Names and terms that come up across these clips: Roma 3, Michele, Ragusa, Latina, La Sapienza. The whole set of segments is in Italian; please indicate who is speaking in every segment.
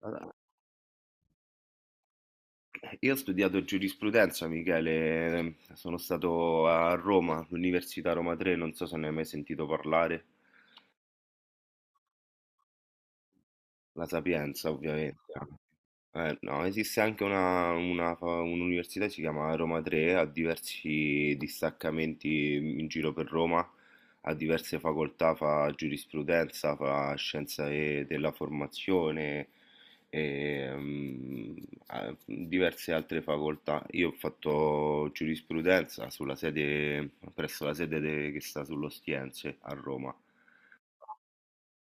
Speaker 1: Allora, io ho studiato giurisprudenza, Michele, sono stato a Roma, all'Università Roma 3, non so se ne hai mai sentito parlare. La Sapienza ovviamente. No, esiste anche un'università, si chiama Roma 3, ha diversi distaccamenti in giro per Roma, ha diverse facoltà, fa giurisprudenza, fa scienza della formazione e ha diverse altre facoltà. Io ho fatto giurisprudenza sulla sede, presso la sede che sta sull'Ostiense a Roma.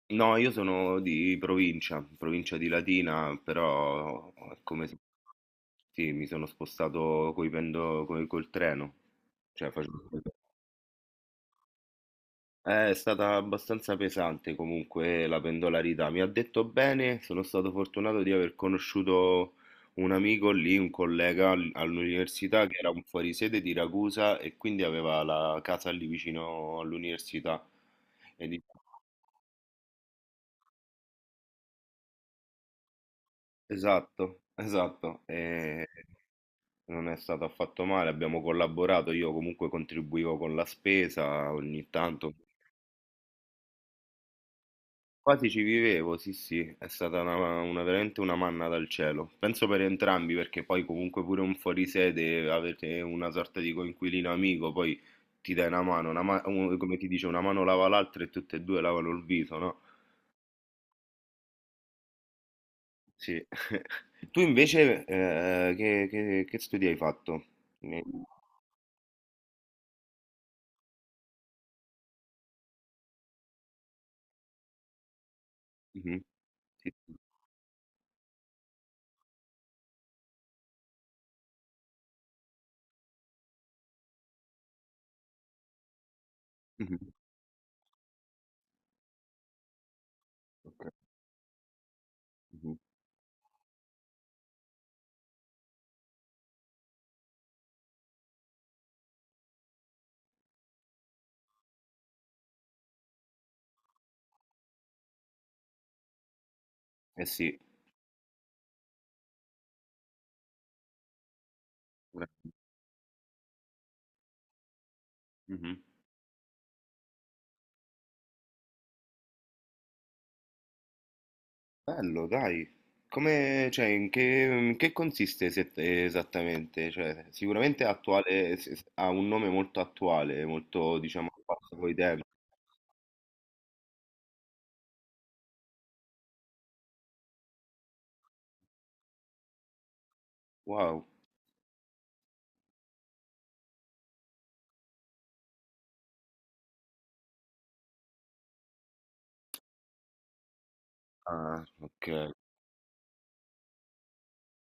Speaker 1: No, io sono di provincia, provincia di Latina, però è come se sì, mi sono spostato col treno. Cioè, facevo- È stata abbastanza pesante comunque la pendolarità. Mi ha detto bene, sono stato fortunato di aver conosciuto un amico lì, un collega all'università che era un fuorisede di Ragusa e quindi aveva la casa lì vicino all'università. E dic- Esatto, esatto. E. Non è stato affatto male, abbiamo collaborato, io comunque contribuivo con la spesa ogni tanto, quasi ci vivevo, sì, sì, è stata veramente una manna dal cielo. Penso per entrambi perché poi comunque pure un fuorisede, avete una sorta di coinquilino amico, poi ti dai una mano, come ti dice, una mano lava l'altra e tutte e due lavano il viso, no? Sì. Tu invece che studi hai fatto? Mi- Mhm. Sì, sì. Mhm. Ok, mhm. Eh sì. Bra- mhm. Bello, dai. Come, cioè, in che consiste esattamente? Cioè, sicuramente è attuale, ha un nome molto attuale, molto, diciamo, al passo coi tempi. Wow. Ah, ok,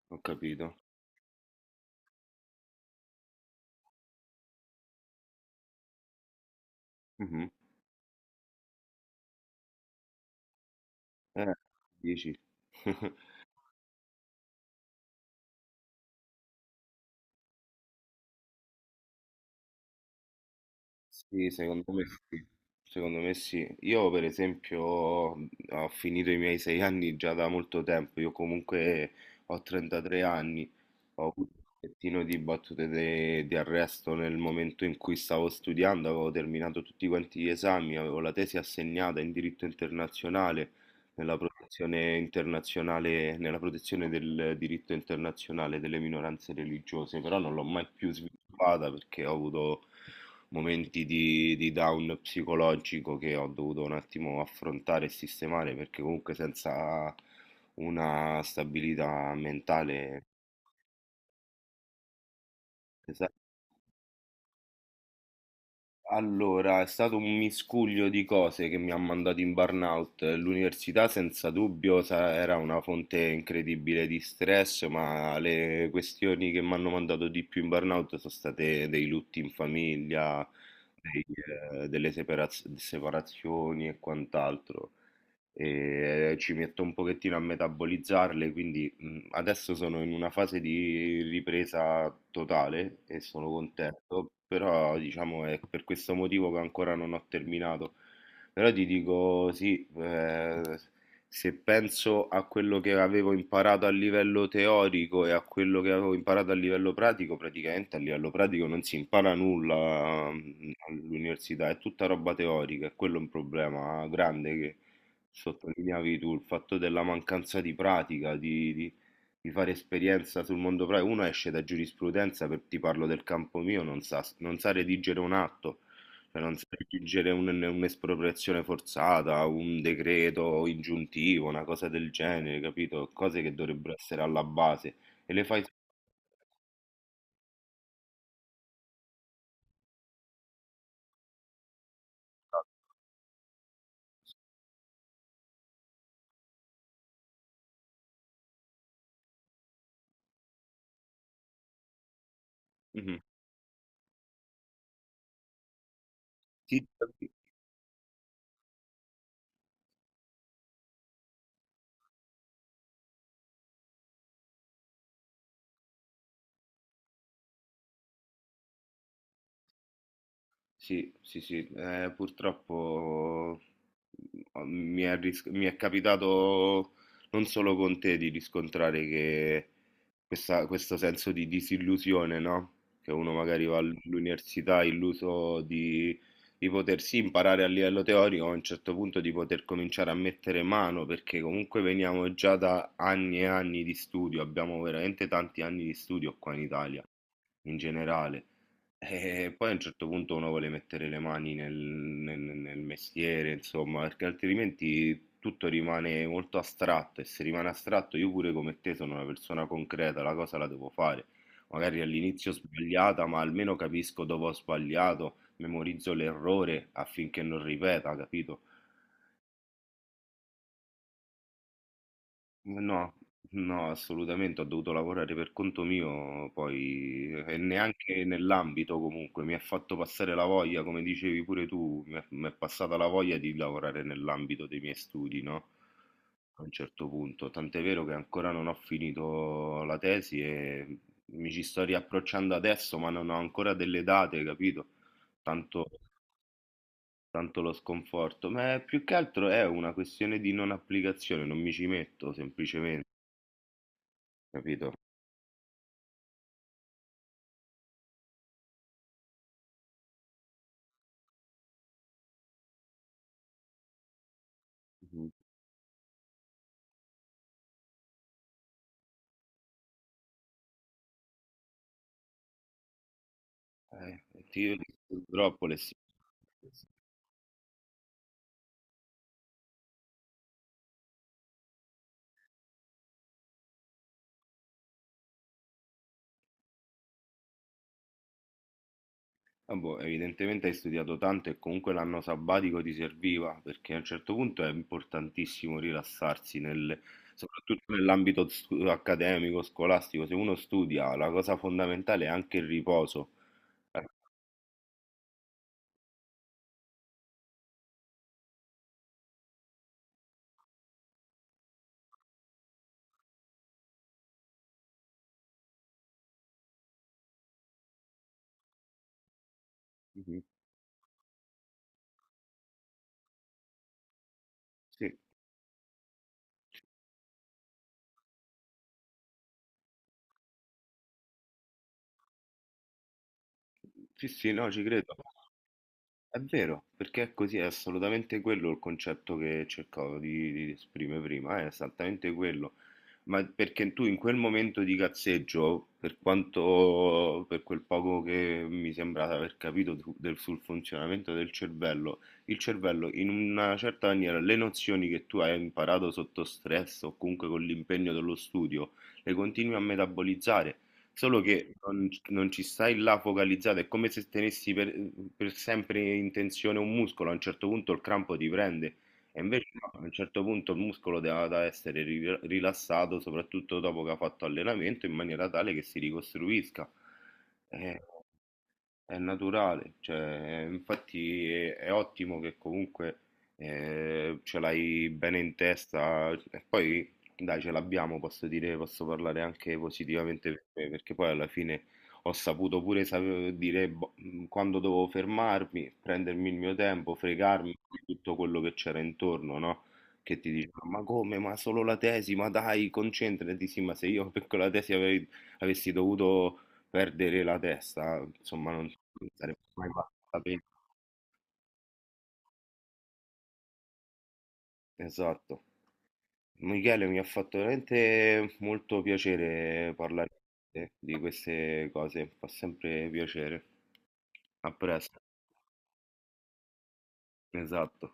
Speaker 1: ho capito. Mhm. Eh, dici. Sì, secondo me sì. Secondo me sì. Io per esempio ho finito i miei sei anni già da molto tempo, io comunque ho 33 anni, ho avuto un pochettino di battute di arresto nel momento in cui stavo studiando, avevo terminato tutti quanti gli esami, avevo la tesi assegnata in diritto internazionale, nella protezione del diritto internazionale delle minoranze religiose, però non l'ho mai più sviluppata perché ho avuto momenti di down psicologico che ho dovuto un attimo affrontare e sistemare perché comunque senza una stabilità mentale. Esa- Allora, è stato un miscuglio di cose che mi ha mandato in burnout. L'università senza dubbio era una fonte incredibile di stress, ma le questioni che mi hanno mandato di più in burnout sono state dei lutti in famiglia, dei, delle separazioni e quant'altro. E ci metto un pochettino a metabolizzarle, quindi adesso sono in una fase di ripresa totale e sono contento, però diciamo è per questo motivo che ancora non ho terminato. Però ti dico sì, se penso a quello che avevo imparato a livello teorico e a quello che avevo imparato a livello pratico, praticamente a livello pratico non si impara nulla all'università, è tutta roba teorica, è quello un problema grande che sottolineavi tu, il fatto della mancanza di pratica, di fare esperienza sul mondo pratico. Uno esce da giurisprudenza, per, ti parlo del campo mio, non sa, non sa redigere un atto, cioè non sa redigere un'espropriazione forzata, un decreto ingiuntivo, una cosa del genere, capito? Cose che dovrebbero essere alla base. E le fai. Mhm. Sì, sì, sì, sì, purtroppo mi è capitato non solo con te di riscontrare che questo senso di disillusione, no? Che uno magari va all'università illuso di potersi imparare a livello teorico, a un certo punto di poter cominciare a mettere mano, perché comunque veniamo già da anni e anni di studio, abbiamo veramente tanti anni di studio qua in Italia in generale. E poi a un certo punto uno vuole mettere le mani nel mestiere, insomma, perché altrimenti tutto rimane molto astratto e se rimane astratto io pure come te sono una persona concreta, la cosa la devo fare. Magari all'inizio sbagliata, ma almeno capisco dove ho sbagliato, memorizzo l'errore affinché non ripeta, capito? No, no, assolutamente, ho dovuto lavorare per conto mio, poi e neanche nell'ambito comunque, mi ha fatto passare la voglia, come dicevi pure tu, mi è passata la voglia di lavorare nell'ambito dei miei studi, no? A un certo punto, tant'è vero che ancora non ho finito la tesi e mi ci sto riapprocciando adesso, ma non ho ancora delle date, capito? Tanto, tanto lo sconforto, ma più che altro è una questione di non applicazione, non mi ci metto semplicemente. Capito? Mh-mh. Eh, ti Io purtroppo le s. Ah, boh, evidentemente hai studiato tanto e comunque l'anno sabbatico ti serviva, perché a un certo punto è importantissimo rilassarsi nel soprattutto nell'ambito stu accademico, scolastico. Se uno studia, la cosa fondamentale è anche il riposo. Eh, mh-mh. Sì, sì, sì, no, ci credo. È vero, perché è così, è assolutamente quello il concetto che cercavo di esprimere prima, è esattamente quello. Ma perché tu in quel momento di cazzeggio, per quanto, per quel poco che mi sembra di aver capito sul funzionamento del cervello, il cervello in una certa maniera le nozioni che tu hai imparato sotto stress o comunque con l'impegno dello studio, le continui a metabolizzare. Solo che non ci stai là focalizzato, è come se tenessi per sempre in tensione un muscolo, a un certo punto il crampo ti prende e invece no, a un certo punto il muscolo deve da essere ri rilassato, soprattutto dopo che ha fatto allenamento, in maniera tale che si ricostruisca. Eh è naturale, cioè, infatti è ottimo che comunque ce l'hai bene in testa e poi dai, ce l'abbiamo, posso dire, posso parlare anche positivamente per me, perché poi alla fine ho saputo pure dire boh, quando dovevo fermarmi, prendermi il mio tempo, fregarmi di tutto quello che c'era intorno, no? Che ti dicevano, ma come, ma solo la tesi, ma dai, concentrati, sì, ma se io per quella tesi avessi dovuto perdere la testa, insomma, non sarebbe mai valsa la pena. Esatto. Michele, mi ha fatto veramente molto piacere parlare con te di queste cose, fa sempre piacere. A presto. Esatto.